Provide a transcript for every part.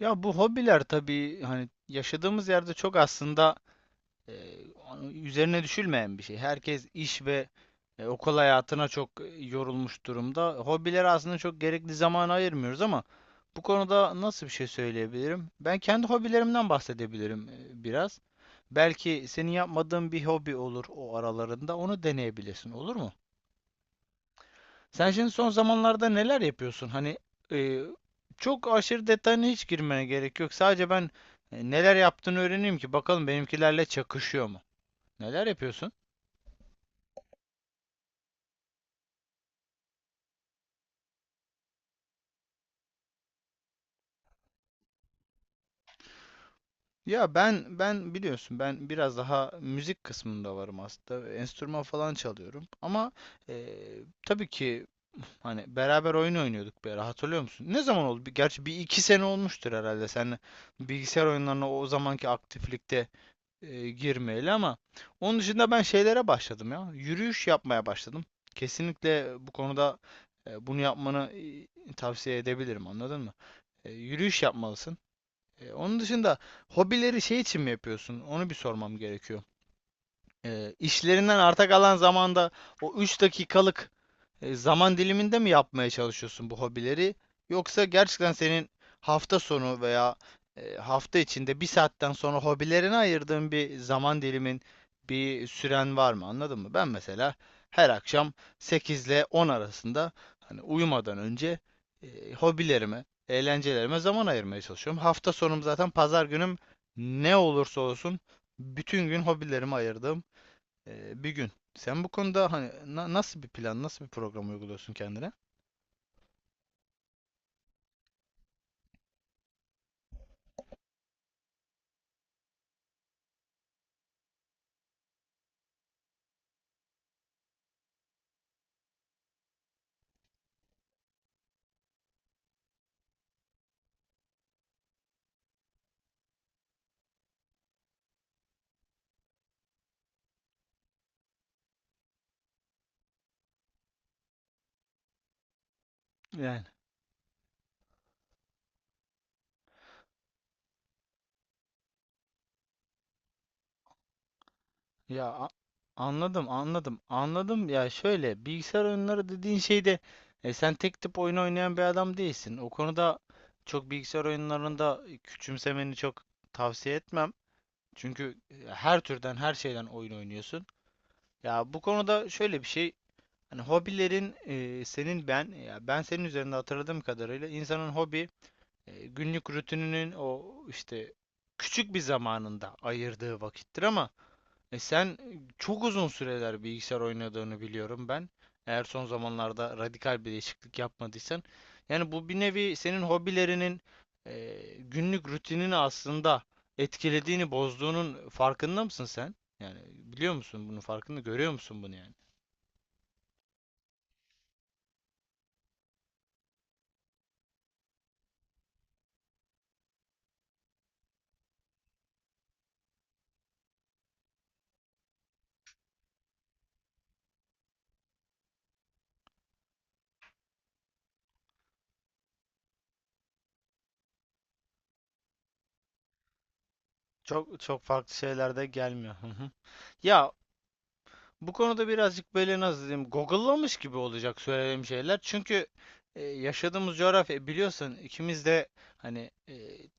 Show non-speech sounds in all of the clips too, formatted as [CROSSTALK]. Ya bu hobiler tabii hani yaşadığımız yerde çok aslında e, üzerine düşülmeyen bir şey. Herkes iş ve okul hayatına çok yorulmuş durumda. Hobilere aslında çok gerekli zaman ayırmıyoruz ama bu konuda nasıl bir şey söyleyebilirim? Ben kendi hobilerimden bahsedebilirim biraz. Belki senin yapmadığın bir hobi olur o aralarında. Onu deneyebilirsin, olur mu? Sen şimdi son zamanlarda neler yapıyorsun? E, Çok aşırı detayına hiç girmeye gerek yok. Sadece ben neler yaptığını öğreneyim ki bakalım benimkilerle çakışıyor mu? Neler yapıyorsun? Ya ben biliyorsun ben biraz daha müzik kısmında varım aslında. Enstrüman falan çalıyorum. Ama e, tabii ki hani beraber oyun oynuyorduk bir ara hatırlıyor musun? Ne zaman oldu? Gerçi bir iki sene olmuştur herhalde. Sen bilgisayar oyunlarına o zamanki aktiflikte girmeyeli ama onun dışında ben şeylere başladım ya. Yürüyüş yapmaya başladım. Kesinlikle bu konuda bunu yapmanı tavsiye edebilirim, anladın mı? Yürüyüş yapmalısın. Onun dışında hobileri şey için mi yapıyorsun? Onu bir sormam gerekiyor. İşlerinden arta kalan zamanda o 3 dakikalık zaman diliminde mi yapmaya çalışıyorsun bu hobileri? Yoksa gerçekten senin hafta sonu veya hafta içinde bir saatten sonra hobilerine ayırdığın bir zaman dilimin, bir süren var mı? Anladın mı? Ben mesela her akşam 8 ile 10 arasında hani uyumadan önce hobilerime, eğlencelerime zaman ayırmaya çalışıyorum. Hafta sonum zaten, pazar günüm ne olursa olsun bütün gün hobilerime ayırdığım bir gün. Sen bu konuda hani nasıl bir plan, nasıl bir program uyguluyorsun kendine? Yani ya a- anladım, anladım, anladım. Ya şöyle, bilgisayar oyunları dediğin şeyde sen tek tip oyun oynayan bir adam değilsin. O konuda çok bilgisayar oyunlarında küçümsemeni çok tavsiye etmem. Çünkü her türden, her şeyden oyun oynuyorsun. Ya bu konuda şöyle bir şey. Hani hobilerin e, senin ben ya ben senin üzerinde hatırladığım kadarıyla insanın hobi, günlük rutininin o işte küçük bir zamanında ayırdığı vakittir ama e, sen e, çok uzun süreler bilgisayar oynadığını biliyorum ben. Eğer son zamanlarda radikal bir değişiklik yapmadıysan. Yani bu bir nevi senin hobilerinin günlük rutinini aslında etkilediğini, bozduğunun farkında mısın sen? Yani biliyor musun bunun farkında, görüyor musun bunu yani? Çok çok farklı şeyler de gelmiyor. Hı hı. Ya Bu konuda birazcık böyle nasıl diyeyim, google'lamış gibi olacak söylediğim şeyler. Çünkü yaşadığımız coğrafya, biliyorsun ikimiz de hani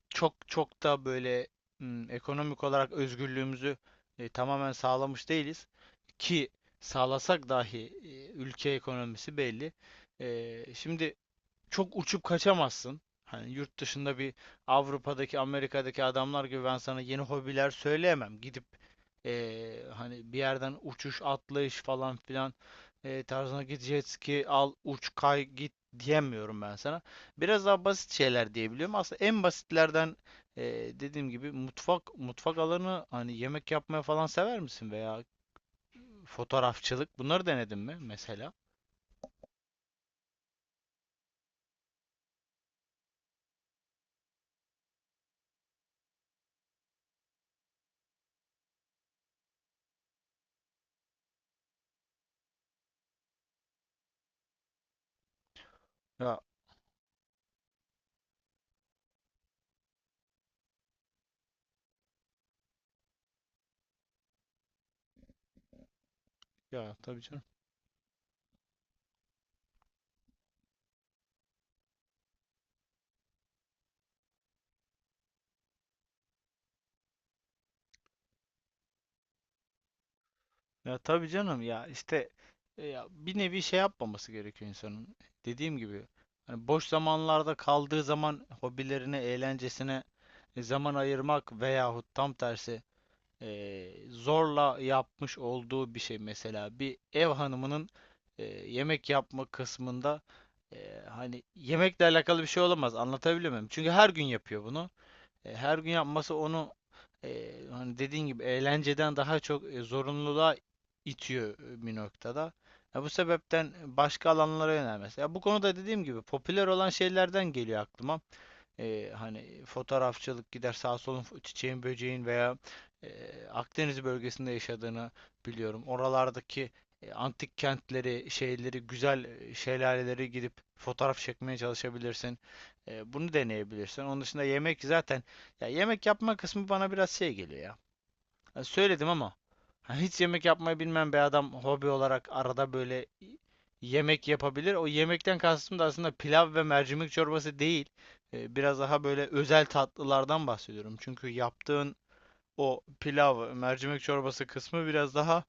çok çok da böyle ekonomik olarak özgürlüğümüzü tamamen sağlamış değiliz. Ki sağlasak dahi ülke ekonomisi belli. Şimdi çok uçup kaçamazsın. Hani yurt dışında bir Avrupa'daki, Amerika'daki adamlar gibi ben sana yeni hobiler söyleyemem. Gidip hani bir yerden uçuş, atlayış falan filan tarzına, git jet ski al, uç, kay, git diyemiyorum ben sana. Biraz daha basit şeyler diyebiliyorum. Aslında en basitlerden dediğim gibi mutfak alanı, hani yemek yapmaya falan sever misin veya fotoğrafçılık, bunları denedin mi mesela? Ya, ya tabii canım. Ya tabii canım, ya işte ya bir nevi şey yapmaması gerekiyor insanın. Dediğim gibi hani boş zamanlarda kaldığı zaman hobilerine, eğlencesine zaman ayırmak veyahut tam tersi zorla yapmış olduğu bir şey, mesela bir ev hanımının yemek yapma kısmında hani yemekle alakalı bir şey olamaz. Anlatabiliyor muyum? Çünkü her gün yapıyor bunu. Her gün yapması onu hani dediğin gibi eğlenceden daha çok zorunluluğa itiyor bir noktada. Ya bu sebepten başka alanlara yönelmesi. Ya bu konuda dediğim gibi popüler olan şeylerden geliyor aklıma. Hani fotoğrafçılık, gider sağ solun çiçeğin böceğin veya e, Akdeniz bölgesinde yaşadığını biliyorum. Oralardaki antik kentleri, şeyleri, güzel şelaleleri gidip fotoğraf çekmeye çalışabilirsin. Bunu deneyebilirsin. Onun dışında yemek zaten, ya yemek yapma kısmı bana biraz şey geliyor ya. Ya söyledim ama hani hiç yemek yapmayı bilmem bir adam hobi olarak arada böyle yemek yapabilir. O yemekten kastım da aslında pilav ve mercimek çorbası değil. Biraz daha böyle özel tatlılardan bahsediyorum. Çünkü yaptığın o pilav, mercimek çorbası kısmı biraz daha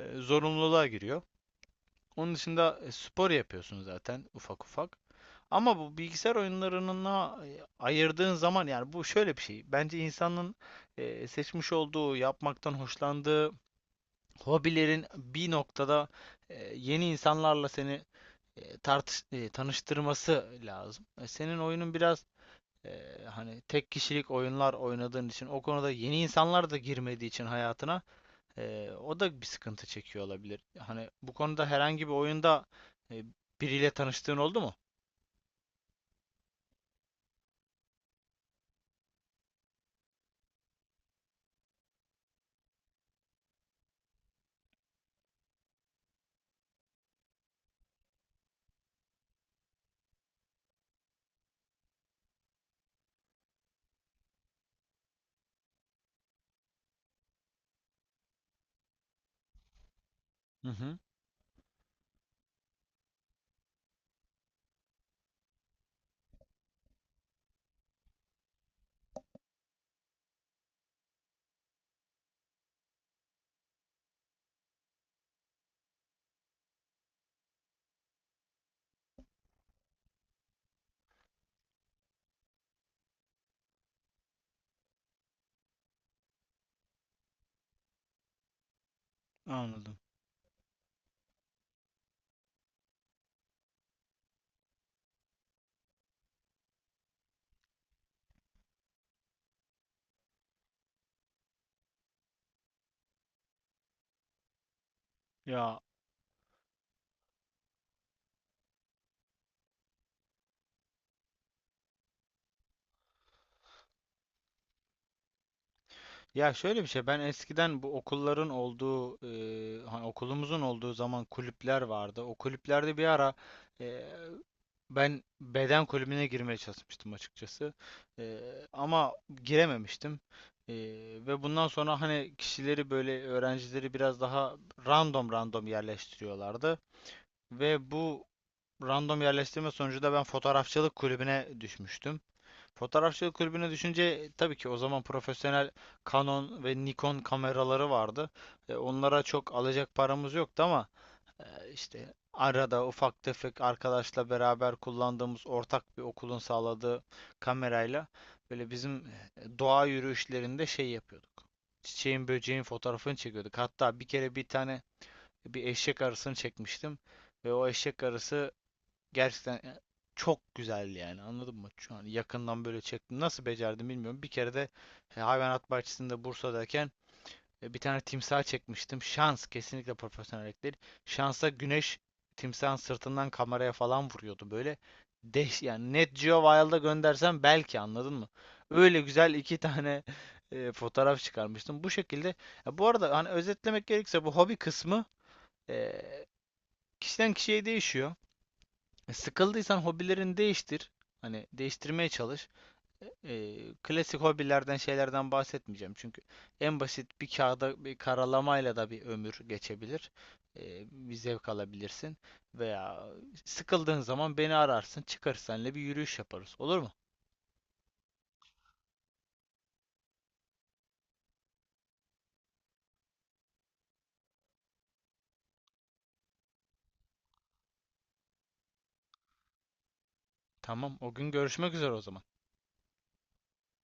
zorunluluğa giriyor. Onun dışında spor yapıyorsun zaten ufak ufak. Ama bu bilgisayar oyunlarına ayırdığın zaman, yani bu şöyle bir şey. Bence insanın seçmiş olduğu, yapmaktan hoşlandığı hobilerin bir noktada yeni insanlarla seni tanıştırması lazım. Senin oyunun biraz hani tek kişilik oyunlar oynadığın için, o konuda yeni insanlar da girmediği için hayatına, o da bir sıkıntı çekiyor olabilir. Hani bu konuda herhangi bir oyunda e, biriyle tanıştığın oldu mu? Hı hı. Anladım. Ya Ya şöyle bir şey, ben eskiden bu okulların olduğu hani okulumuzun olduğu zaman kulüpler vardı. O kulüplerde bir ara e, ben beden kulübüne girmeye çalışmıştım açıkçası. E, Ama girememiştim. E, Ve bundan sonra hani kişileri böyle, öğrencileri biraz daha random yerleştiriyorlardı. Ve bu random yerleştirme sonucu da ben fotoğrafçılık kulübüne düşmüştüm. Fotoğrafçılık kulübüne düşünce tabii ki o zaman profesyonel Canon ve Nikon kameraları vardı. Onlara çok alacak paramız yoktu ama e, işte arada ufak tefek arkadaşla beraber kullandığımız, ortak bir okulun sağladığı kamerayla böyle bizim doğa yürüyüşlerinde şey yapıyorduk. Çiçeğin böceğin fotoğrafını çekiyorduk. Hatta bir kere bir tane bir eşek arısını çekmiştim ve o eşek arısı, gerçekten ya, çok güzel yani anladın mı? Şu an yakından böyle çektim. Nasıl becerdim bilmiyorum. Bir kere de hayvanat bahçesinde Bursa'dayken bir tane timsah çekmiştim. Şans, kesinlikle profesyonellik değil. Şansa güneş timsahın sırtından kameraya falan vuruyordu böyle. Deş yani Net Geo Wild'a göndersem belki, anladın mı? Öyle güzel iki tane [LAUGHS] fotoğraf çıkarmıştım. Bu şekilde. Ya bu arada hani özetlemek gerekirse, bu hobi kısmı e, kişiden kişiye değişiyor. Sıkıldıysan hobilerini değiştir. Hani değiştirmeye çalış. E, Klasik hobilerden, şeylerden bahsetmeyeceğim. Çünkü en basit bir kağıda bir karalamayla da bir ömür geçebilir. Bir zevk alabilirsin. Veya sıkıldığın zaman beni ararsın. Çıkarız seninle bir yürüyüş yaparız. Olur mu? Tamam. O gün görüşmek üzere o zaman.